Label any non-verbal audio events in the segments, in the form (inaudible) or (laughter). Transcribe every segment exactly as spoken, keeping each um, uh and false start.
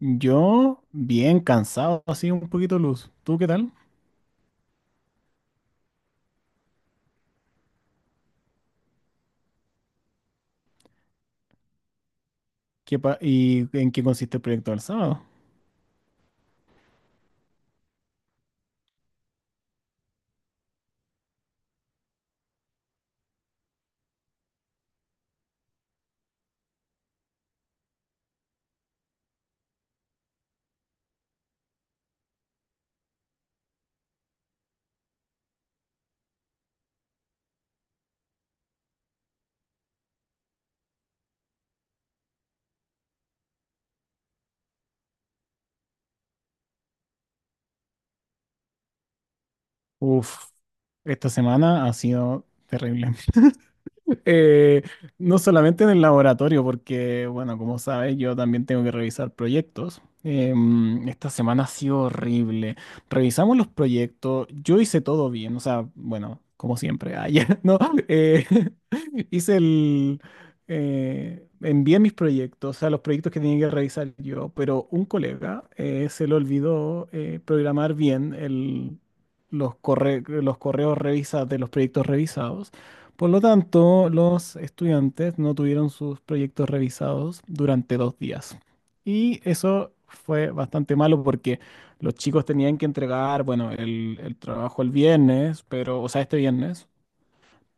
Yo, bien cansado, así un poquito luz. ¿Tú qué tal? ¿Qué pa- ¿Y en qué consiste el proyecto del sábado? Uf, esta semana ha sido terrible. Eh, no solamente en el laboratorio, porque, bueno, como sabes, yo también tengo que revisar proyectos. Em, esta semana ha sido horrible. Revisamos los proyectos, yo hice todo bien, o sea, bueno, como siempre, ayer, (laughs) ¿no? Eh, (laughs) hice el... eh, envié mis proyectos, o sea, los proyectos que tenía que revisar yo, pero un colega eh, se le olvidó eh, programar bien el, los corre- los correos revisados de los proyectos revisados. Por lo tanto, los estudiantes no tuvieron sus proyectos revisados durante dos días. Y eso fue bastante malo porque los chicos tenían que entregar, bueno, el, el trabajo el viernes, pero, o sea, este viernes,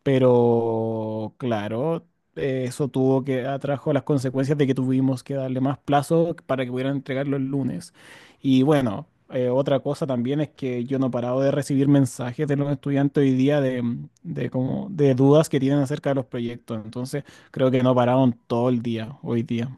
pero claro, eh, eso tuvo que atrajo las consecuencias de que tuvimos que darle más plazo para que pudieran entregarlo el lunes. Y bueno, eh, otra cosa también es que yo no he parado de recibir mensajes de los estudiantes hoy día de, de como, de dudas que tienen acerca de los proyectos. Entonces, creo que no pararon todo el día hoy día.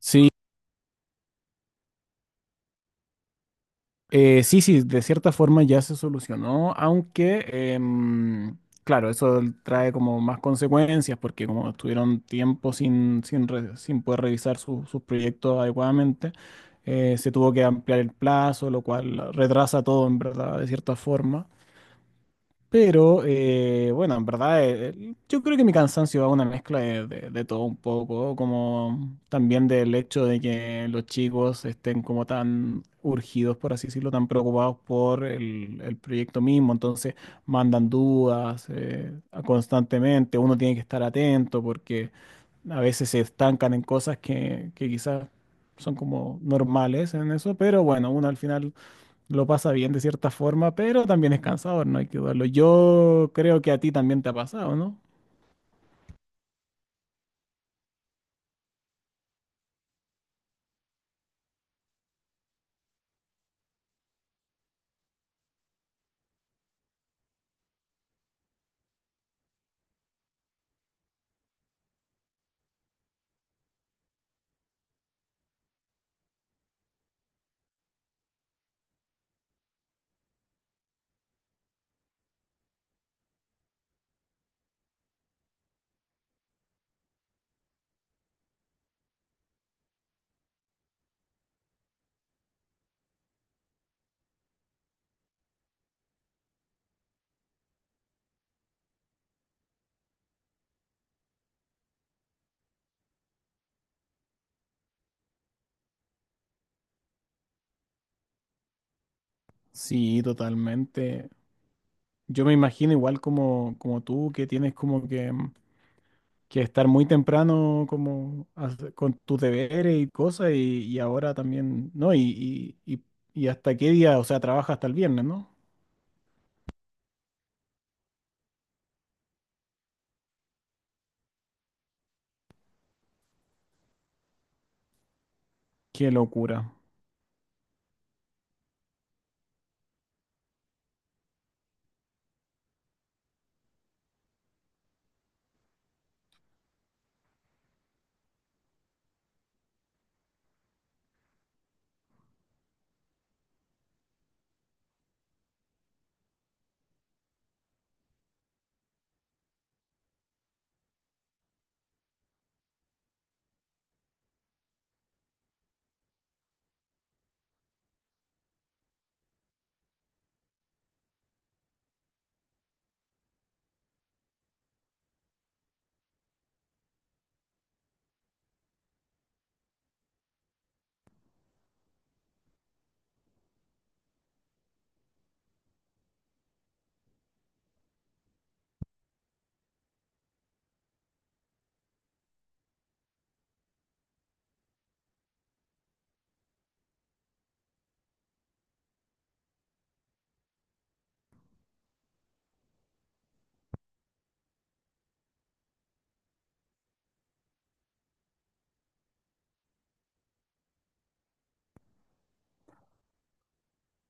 Sí. Eh, sí, sí, de cierta forma ya se solucionó, aunque, em, claro, eso trae como más consecuencias porque como estuvieron tiempo sin, sin, re- sin poder revisar su- sus proyectos adecuadamente, eh, se tuvo que ampliar el plazo, lo cual retrasa todo en verdad, de cierta forma. Pero eh, bueno, en verdad, eh, yo creo que mi cansancio va a una mezcla de, de- de todo un poco, como también del hecho de que los chicos estén como tan urgidos, por así decirlo, tan preocupados por el, el proyecto mismo, entonces mandan dudas eh, constantemente, uno tiene que estar atento porque a veces se estancan en cosas que, que quizás son como normales en eso, pero bueno, uno al final lo pasa bien de cierta forma, pero también es cansador, no hay que dudarlo. Yo creo que a ti también te ha pasado, ¿no? Sí, totalmente. Yo me imagino igual como, como tú, que tienes como que, mm, que estar muy temprano como hace- con tus deberes y cosas, y, y ahora también, ¿no? Y, y, y, y hasta qué día, o sea, trabaja hasta el viernes, ¿no? Qué locura.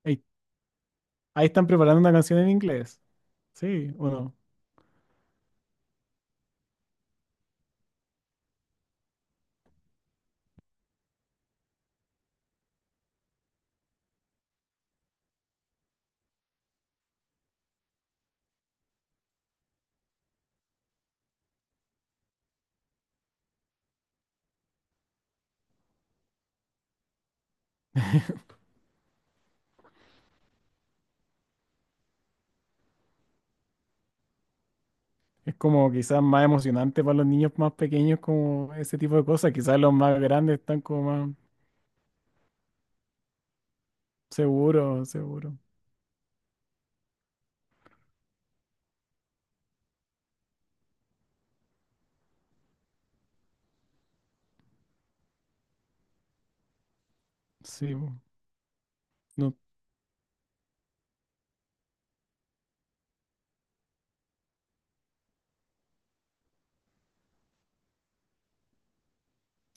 Ey, ahí están preparando una canción en inglés. Sí, bueno. Es como quizás más emocionante para los niños más pequeños como ese tipo de cosas. Quizás los más grandes están como más seguros, seguros. Sí, po. No,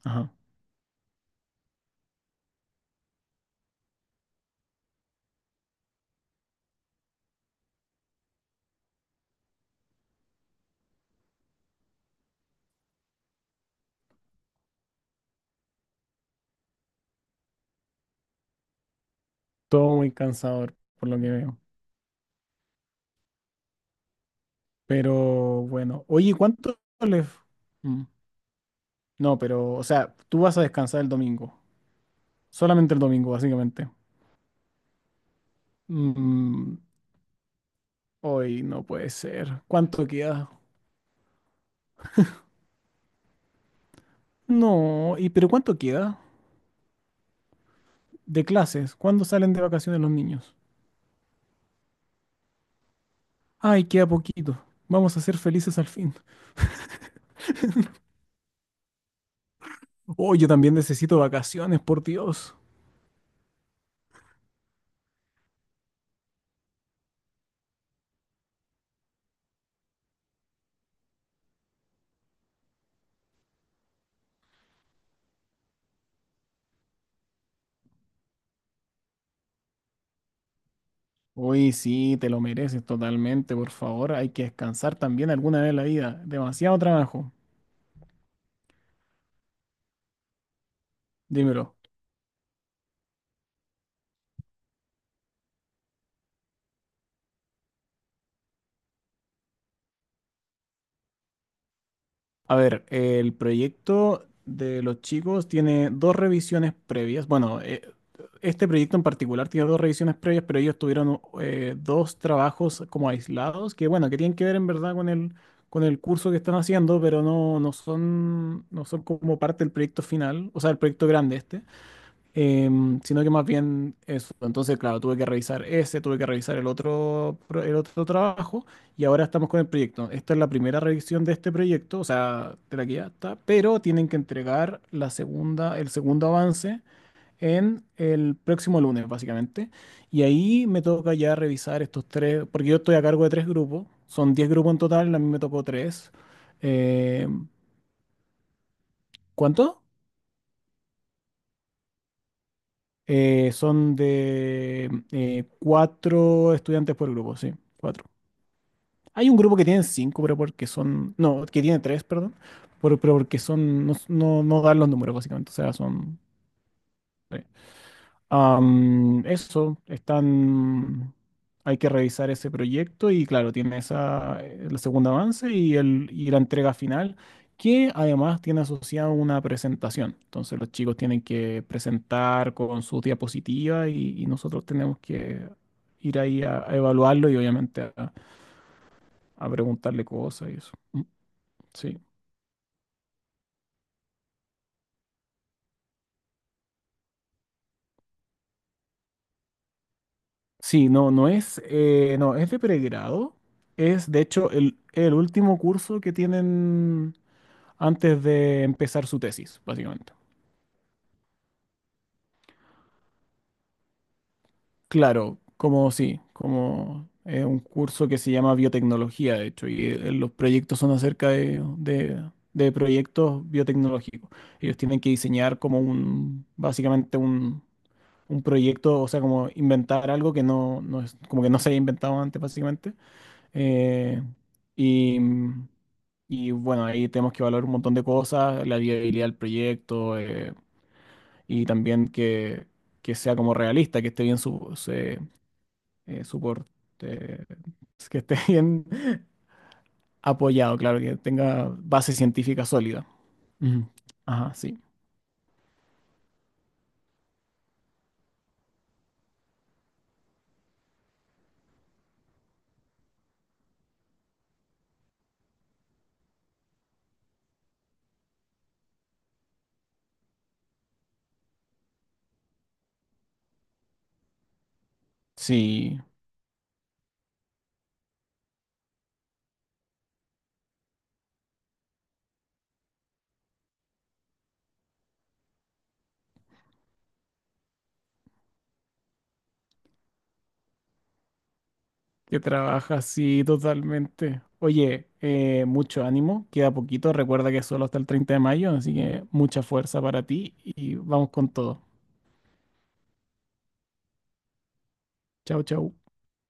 ajá. Todo muy cansador por lo que veo. Pero bueno, oye, ¿cuánto les... Mm, no, pero, o sea, tú vas a descansar el domingo. Solamente el domingo, básicamente. Mm, hoy no puede ser. ¿Cuánto queda? No, ¿y pero cuánto queda de clases? ¿Cuándo salen de vacaciones los niños? Ay, queda poquito. Vamos a ser felices al fin. Oh, yo también necesito vacaciones, por Dios. Uy, sí, te lo mereces totalmente, por favor. Hay que descansar también alguna vez en la vida. Demasiado trabajo. Dímelo. A ver, el proyecto de los chicos tiene dos revisiones previas. Bueno, eh, este proyecto en particular tiene dos revisiones previas, pero ellos tuvieron eh, dos trabajos como aislados, que bueno, que tienen que ver en verdad con el, con el curso que están haciendo, pero no, no son, no son como parte del proyecto final, o sea, el proyecto grande este em, sino que más bien eso. Entonces, claro, tuve que revisar ese, tuve que revisar el otro, pro- el otro trabajo y ahora estamos con el proyecto. Esta es la primera revisión de este proyecto, o sea, de la que ya está, pero tienen que entregar la segunda, el segundo avance en el próximo lunes, básicamente. Y ahí me toca ya revisar estos tres, porque yo estoy a cargo de tres grupos, son diez grupos en total, a mí me tocó tres. Eh, ¿cuánto? Eh, son de eh, cuatro estudiantes por grupo, sí, cuatro. Hay un grupo que tiene cinco, pero porque son, no, que tiene tres, perdón, pero pero porque son, no, no, no dan los números básicamente, o sea, son... sí. Am, eso, están, hay que revisar ese proyecto y claro, tiene esa, eh, el segundo avance y, el, y la entrega final, que además tiene asociado una presentación. Entonces los chicos tienen que presentar con sus diapositivas y, y nosotros tenemos que ir ahí a, a evaluarlo y obviamente a, a preguntarle cosas y eso. Mm. Sí. Sí, no, no es, eh, no, es de pregrado. Es de hecho el, el último curso que tienen antes de empezar su tesis, básicamente. Claro, como sí, como eh, un curso que se llama biotecnología, de hecho, y eh, los proyectos son acerca de, de- de proyectos biotecnológicos. Ellos tienen que diseñar como un, básicamente un, un proyecto, o sea, como inventar algo que no, no es, como que no se haya inventado antes, básicamente. Eh, y y bueno, ahí tenemos que evaluar un montón de cosas, la viabilidad del proyecto, eh, y también que, que sea como realista, que esté bien su, se- eh, suport- eh, que esté (laughs) bien apoyado, claro, que tenga base científica sólida. Ujú. Ajá, sí. Sí, que trabaja, sí, totalmente. Oye, eh, mucho ánimo, queda poquito, recuerda que es solo hasta el treinta de mayo, así que mucha fuerza para ti y vamos con todo. Chau, chau.